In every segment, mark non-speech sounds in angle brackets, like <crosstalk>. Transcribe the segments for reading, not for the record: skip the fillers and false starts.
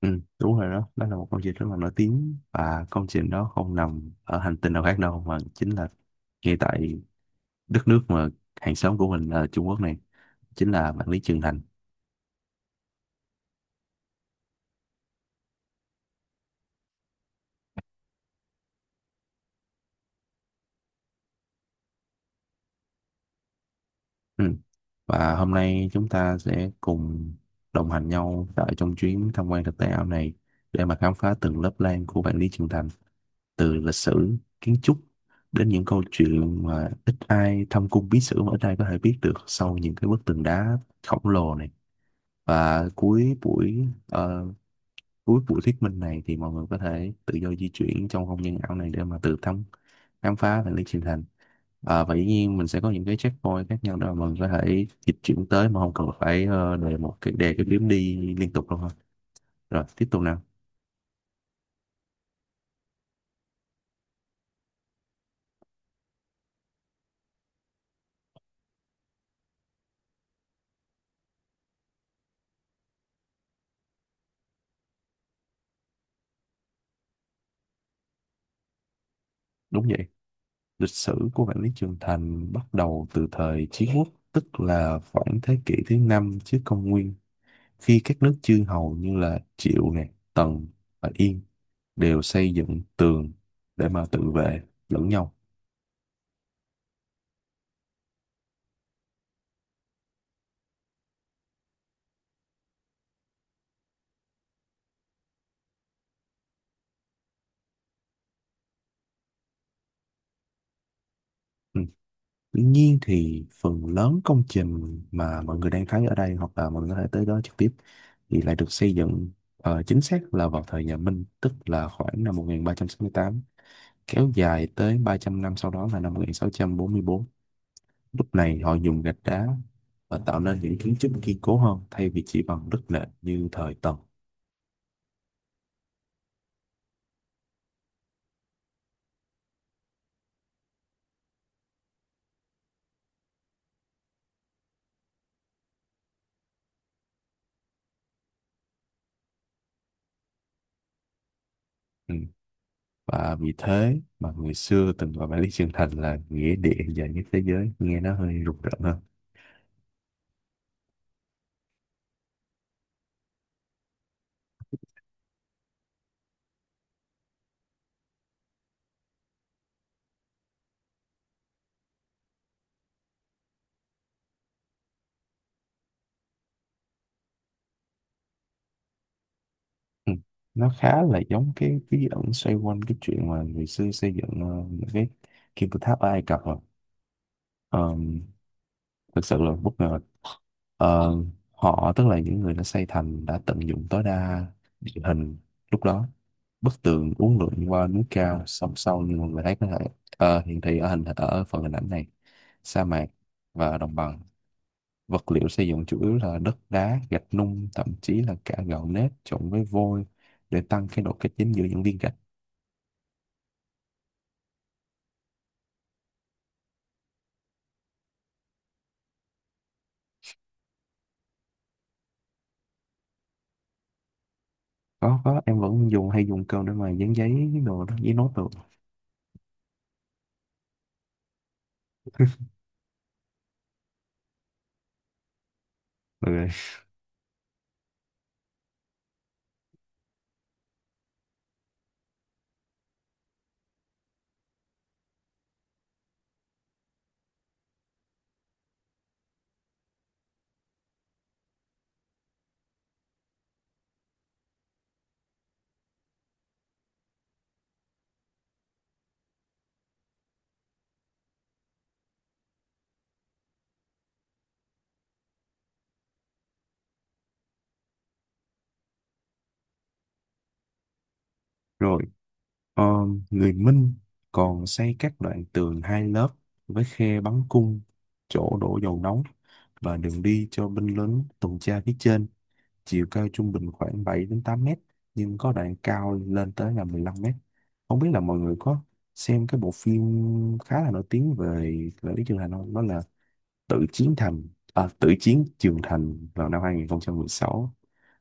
Ừ, đúng rồi đó, đó là một công trình rất là nổi tiếng và công trình đó không nằm ở hành tinh nào khác đâu mà chính là ngay tại đất nước mà hàng xóm của mình là Trung Quốc này, chính là Vạn Lý Trường Thành. Ừ. Và hôm nay chúng ta sẽ cùng đồng hành nhau tại trong chuyến tham quan thực tế ảo này để mà khám phá từng lớp lang của Vạn Lý Trường Thành, từ lịch sử, kiến trúc đến những câu chuyện mà ít ai thâm cung bí sử mà ít ai có thể biết được sau những cái bức tường đá khổng lồ này. Và cuối buổi thuyết minh này thì mọi người có thể tự do di chuyển trong không gian ảo này để mà tự thăm khám phá và lý trình thành. Ờ, và dĩ nhiên mình sẽ có những cái checkpoint khác nhau đó mà mình có thể dịch chuyển tới mà không cần phải đề một cái cái điểm đi liên tục đâu ha, rồi tiếp tục nào. Đúng vậy, lịch sử của Vạn Lý Trường Thành bắt đầu từ thời Chiến Quốc, tức là khoảng thế kỷ thứ năm trước công nguyên, khi các nước chư hầu như là Triệu nè, Tần và Yên đều xây dựng tường để mà tự vệ lẫn nhau. Ừ. Tuy nhiên thì phần lớn công trình mà mọi người đang thấy ở đây hoặc là mọi người có thể tới đó trực tiếp thì lại được xây dựng chính xác là vào thời nhà Minh, tức là khoảng năm 1368, kéo dài tới 300 năm sau đó là năm 1644. Lúc này họ dùng gạch đá và tạo nên những kiến trúc kiên cố hơn thay vì chỉ bằng đất nện như thời Tần. Ừ. Và vì thế mà người xưa từng gọi Bản Lý Trường Thành là nghĩa địa dài nhất thế giới, nghe nó hơi rùng rợn hơn. Ừ. Nó khá là giống cái bí ẩn xoay quanh cái chuyện mà người xưa xây dựng những cái kim tự tháp ở Ai Cập rồi. Um, Thực sự là bất ngờ. Ờ, Họ, tức là những người đã xây thành, đã tận dụng tối đa địa hình lúc đó. Bức tường uốn lượn qua núi cao, song song như mọi người thấy có thể hiện thị ở hình ở phần hình ảnh này, sa mạc và đồng bằng. Vật liệu xây dựng chủ yếu là đất đá, gạch nung, thậm chí là cả gạo nếp trộn với vôi để tăng cái độ kết dính giữa những viên gạch. Có, em vẫn dùng hay dùng cơm để mà dán giấy đồ đó, giấy nốt đồ. Rồi, rồi, ờ, người Minh còn xây các đoạn tường hai lớp với khe bắn cung, chỗ đổ dầu nóng và đường đi cho binh lính tuần tra phía trên. Chiều cao trung bình khoảng 7 đến 8 mét nhưng có đoạn cao lên tới là 15 mét. Không biết là mọi người có xem cái bộ phim khá là nổi tiếng về về Lý Trường Thành không, đó là Tự Chiến Thành, à, Tự Chiến Trường Thành vào năm 2016,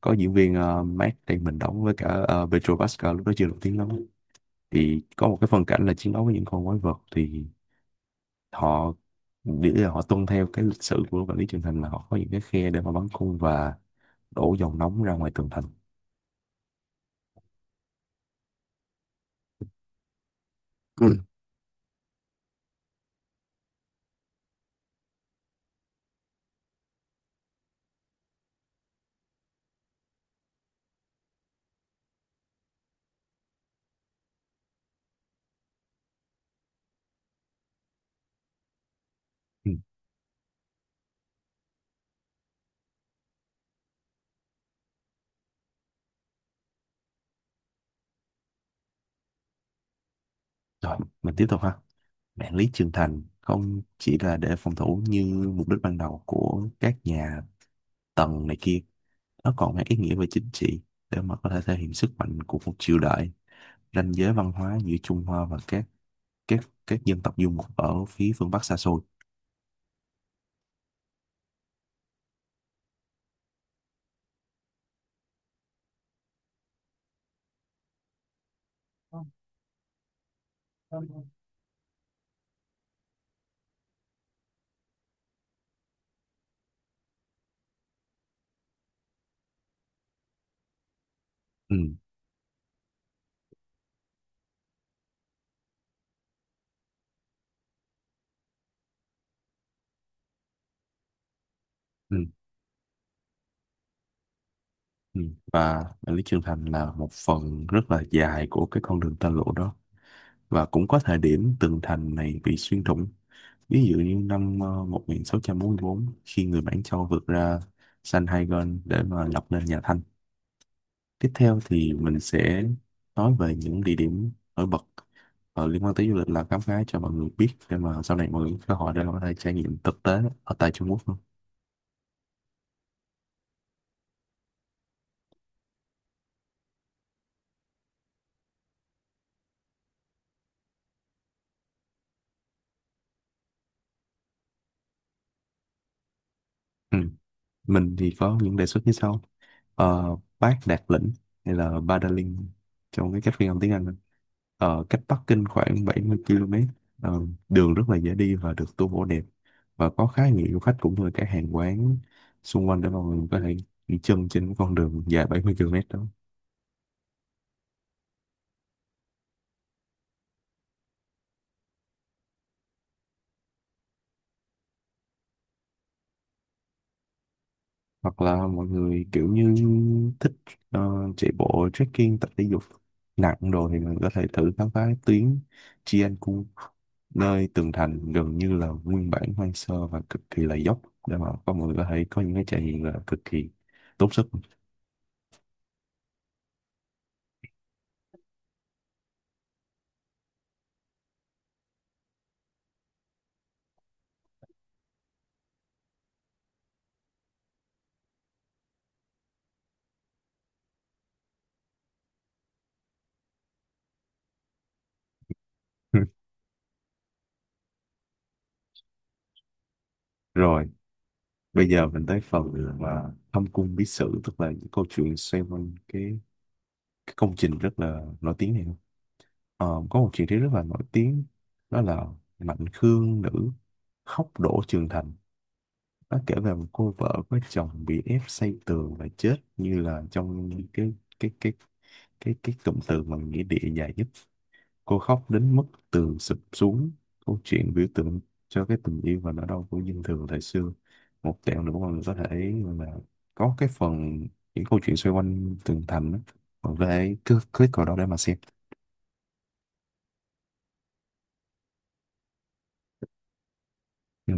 có diễn viên Matt Damon đóng với cả Pedro Pascal lúc đó chưa nổi tiếng lắm, thì có một cái phân cảnh là chiến đấu với những con quái vật thì họ, nghĩa là họ tuân theo cái lịch sử của quản lý trường thành, là họ có những cái khe để mà bắn cung và đổ dòng nóng ra ngoài tường thành. Ừ. Ừ. Rồi, mình tiếp tục ha. Mạng lưới trưởng thành không chỉ là để phòng thủ như mục đích ban đầu của các nhà Tần này kia, nó còn mang ý nghĩa về chính trị để mà có thể thể hiện sức mạnh của một triều đại, ranh giới văn hóa giữa Trung Hoa và các các dân tộc du mục ở phía phương Bắc xa xôi. Ừ, ừ, ừ. Và mạng lưới trưởng thành là một phần rất là dài của cái con đường tơ lụa đó, và cũng có thời điểm tường thành này bị xuyên thủng. Ví dụ như năm 1644, khi người Mãn Châu vượt ra San Hai Gòn để mà lập nên nhà Thanh. Tiếp theo thì mình sẽ nói về những địa điểm nổi bật liên quan tới du lịch là khám phá cho mọi người biết để mà sau này mọi người có cơ hội để mà có thể trải nghiệm thực tế ở tại Trung Quốc luôn. Ừ. Mình thì có những đề xuất như sau. Ờ, Bác Đạt Lĩnh hay là Ba trong cái cách phiên âm tiếng Anh. Ờ, cách Bắc Kinh khoảng 70 km. Ờ, đường rất là dễ đi và được tu bổ đẹp và có khá nhiều du khách cũng như các hàng quán xung quanh để mà mình có thể đi chân trên con đường dài 70 km đó. Hoặc là mọi người kiểu như thích ờ, chạy bộ, trekking, tập thể dục nặng đồ thì mình có thể thử khám phá tuyến Chiancu, nơi tường thành gần như là nguyên bản hoang sơ và cực kỳ là dốc, để mà có mọi người có thể có những cái trải nghiệm là cực kỳ tốn sức. <laughs> Rồi, bây giờ mình tới phần mà thâm cung bí sử, tức là những câu chuyện xoay quanh cái công trình rất là nổi tiếng này. Ờ, có một chị đấy rất là nổi tiếng, đó là Mạnh Khương nữ khóc đổ trường thành. Nó kể về một cô vợ có chồng bị ép xây tường và chết như là trong cái cụm từ mà nghĩa địa dài nhất. Cô khóc đến mức tường sụp xuống. Câu chuyện biểu tượng cho cái tình yêu và nỗi đau của dân thường thời xưa. Một tẹo nữa mà mình có thể là có cái phần những câu chuyện xoay quanh tường thành đó. Mình có thể cứ click vào đó để mà xem. Ừ.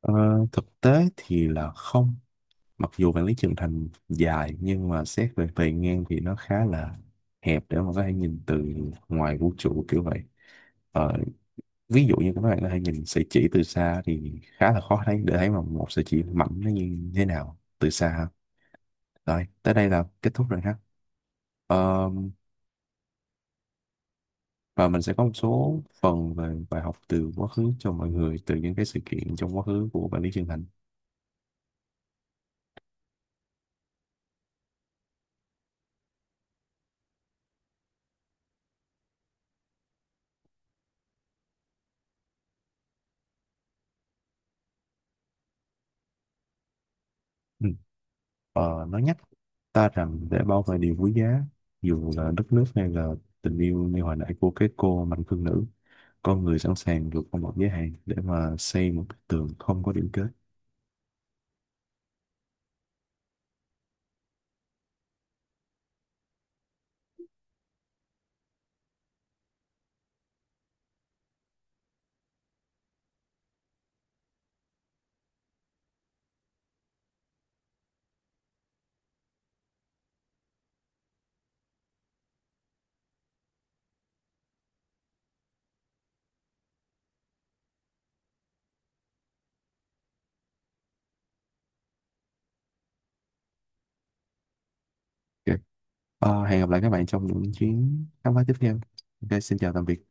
Ờ, thực tế thì là không, mặc dù vạn lý trường thành dài nhưng mà xét về bề ngang thì nó khá là hẹp để mà có thể nhìn từ ngoài vũ trụ kiểu vậy. Ờ, ví dụ như các bạn có thể nhìn sợi chỉ từ xa thì khá là khó thấy, để thấy mà một sợi chỉ mảnh nó như thế nào từ xa. Rồi tới đây là kết thúc rồi ha. Ờ, và mình sẽ có một số phần về bài học từ quá khứ cho mọi người từ những cái sự kiện trong quá khứ của bạn Lý Trường Thành. Ừ. Ờ, nó nhắc ta rằng để bảo vệ điều quý giá, dù là đất nước hay là tình yêu như hồi nãy của cái cô mạnh thương nữ, con người sẵn sàng vượt qua một giới hạn để mà xây một bức tường không có điểm kết. Ok. Ờ, hẹn gặp lại các bạn trong những chuyến khám phá tiếp theo. Ok, xin chào tạm biệt.